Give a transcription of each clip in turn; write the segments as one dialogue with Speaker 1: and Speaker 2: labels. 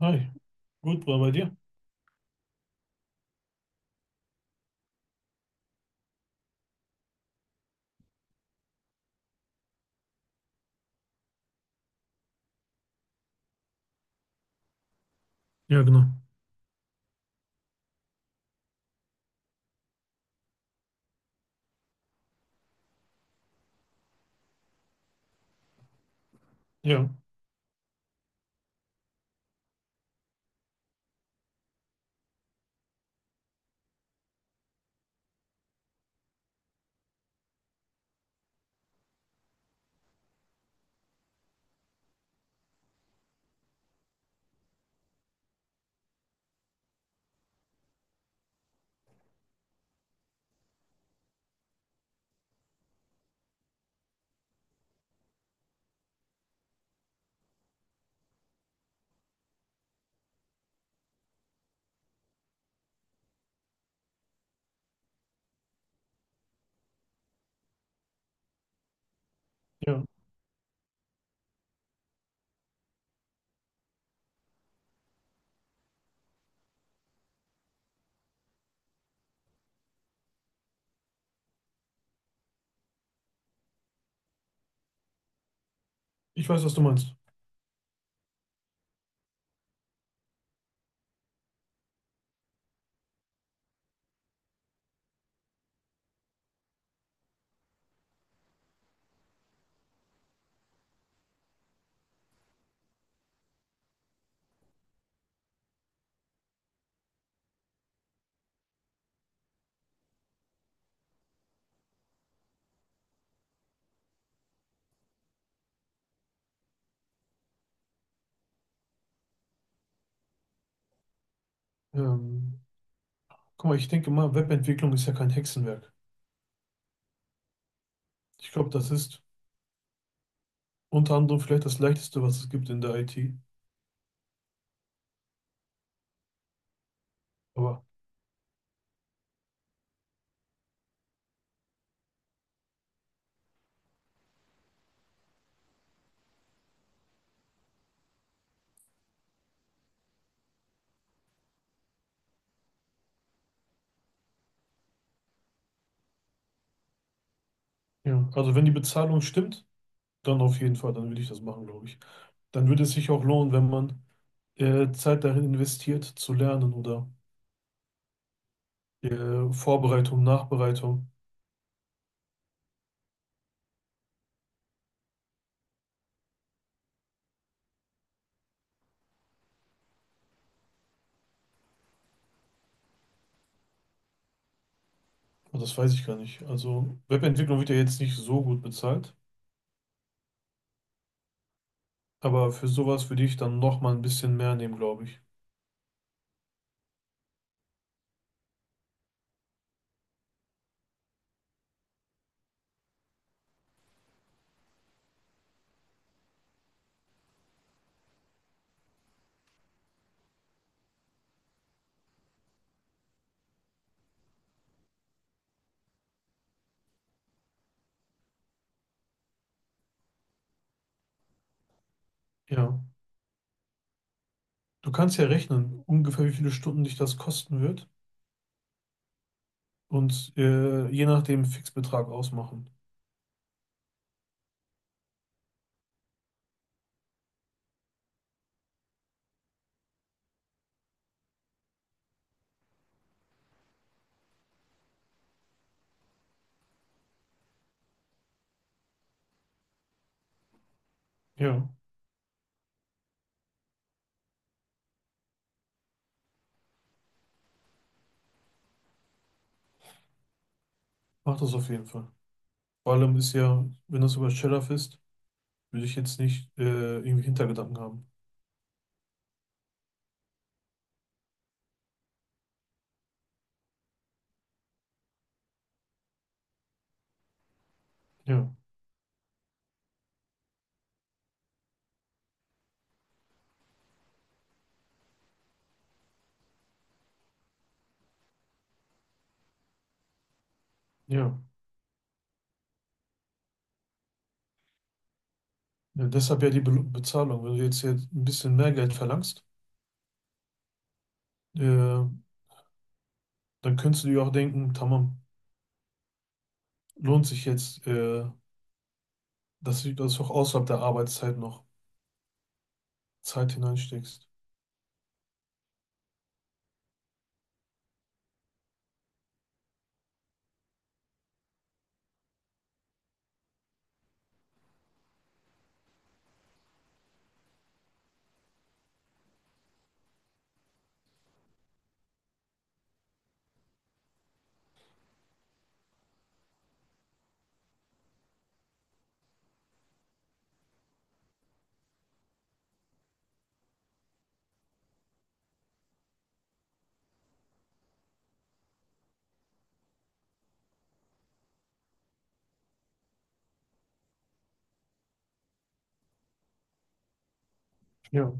Speaker 1: Hi, gut, war bei dir? Ja, genau. Ja, ja, ich weiß, was du meinst. Ähm, Guck mal, ich denke mal, Webentwicklung ist ja kein Hexenwerk. Ich glaube, das ist unter anderem vielleicht das Leichteste, was es gibt in der IT. Aber ja, also wenn die Bezahlung stimmt, dann auf jeden Fall, dann würde ich das machen, glaube ich. Dann würde es sich auch lohnen, wenn man Zeit darin investiert, zu lernen oder Vorbereitung, Nachbereitung. Aber das weiß ich gar nicht. Also Webentwicklung wird ja jetzt nicht so gut bezahlt. Aber für sowas würde ich dann noch mal ein bisschen mehr nehmen, glaube ich. Ja. Du kannst ja rechnen, ungefähr wie viele Stunden dich das kosten wird und je nach dem Fixbetrag ausmachen. Ja, mach das auf jeden Fall. Vor allem ist ja, wenn das über Shellac ist, würde ich jetzt nicht irgendwie Hintergedanken haben. Ja, ja. Ja, deshalb ja die Be Bezahlung. Wenn du jetzt ein bisschen mehr Geld verlangst, dann könntest du dir auch denken, tamam, lohnt sich jetzt, dass du das auch außerhalb der Arbeitszeit noch Zeit hineinsteckst. Ja.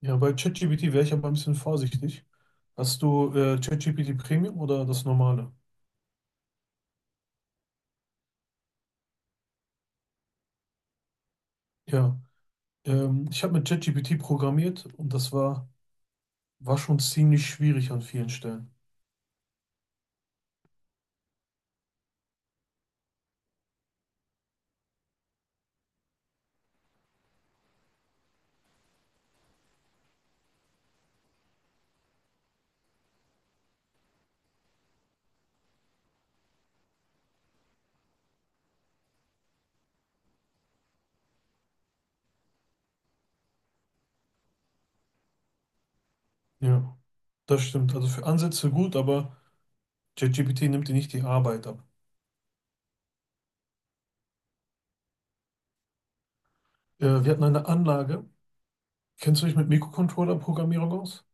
Speaker 1: Ja, bei ChatGPT wäre ich aber ein bisschen vorsichtig. Hast du ChatGPT Premium oder das normale? Ja. Ich habe mit ChatGPT programmiert und war schon ziemlich schwierig an vielen Stellen. Ja, das stimmt. Also für Ansätze gut, aber ChatGPT nimmt dir nicht die Arbeit ab. Wir hatten eine Anlage. Kennst du dich mit Mikrocontroller-Programmierung aus?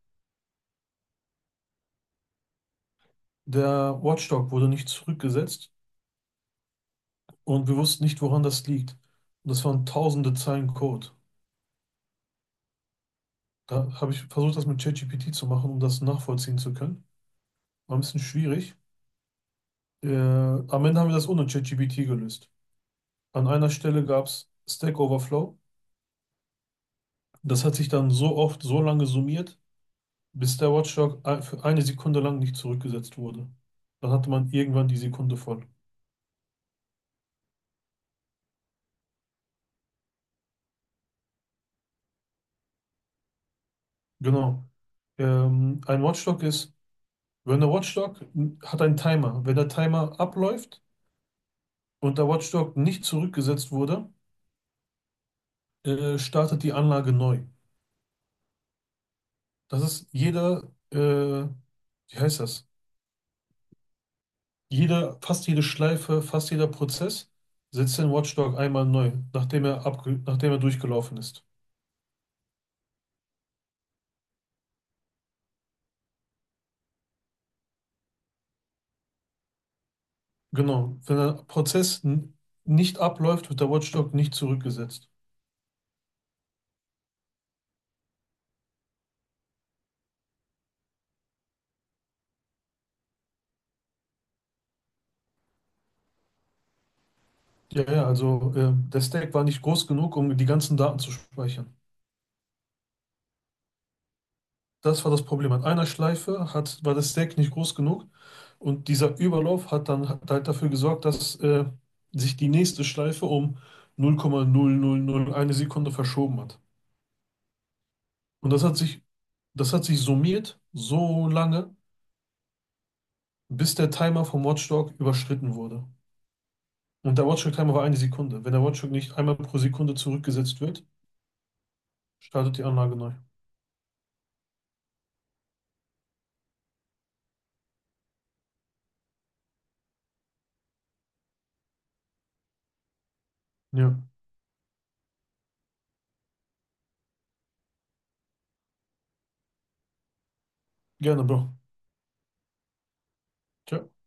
Speaker 1: Der Watchdog wurde nicht zurückgesetzt und wir wussten nicht, woran das liegt. Und das waren tausende Zeilen Code. Da habe ich versucht, das mit ChatGPT zu machen, um das nachvollziehen zu können. War ein bisschen schwierig. Am Ende haben wir das ohne ChatGPT gelöst. An einer Stelle gab es Stack Overflow. Das hat sich dann so oft, so lange summiert, bis der Watchdog für eine Sekunde lang nicht zurückgesetzt wurde. Dann hatte man irgendwann die Sekunde voll. Genau. Ein Watchdog ist, wenn der Watchdog hat einen Timer. Wenn der Timer abläuft und der Watchdog nicht zurückgesetzt wurde, startet die Anlage neu. Das ist jeder, Wie heißt das? Jeder, fast jede Schleife, fast jeder Prozess setzt den Watchdog einmal neu, nachdem er abge nachdem er durchgelaufen ist. Genau. Wenn der Prozess nicht abläuft, wird der Watchdog nicht zurückgesetzt. Ja, ja, also der Stack war nicht groß genug, um die ganzen Daten zu speichern. Das war das Problem. An einer war der Stack nicht groß genug, und dieser Überlauf hat halt dafür gesorgt, dass sich die nächste Schleife um 0,0001 Sekunde verschoben hat. Und das hat sich summiert so lange, bis der Timer vom Watchdog überschritten wurde. Und der Watchdog-Timer war eine Sekunde. Wenn der Watchdog nicht einmal pro Sekunde zurückgesetzt wird, startet die Anlage neu. Ja, gerne, Bro. Ciao.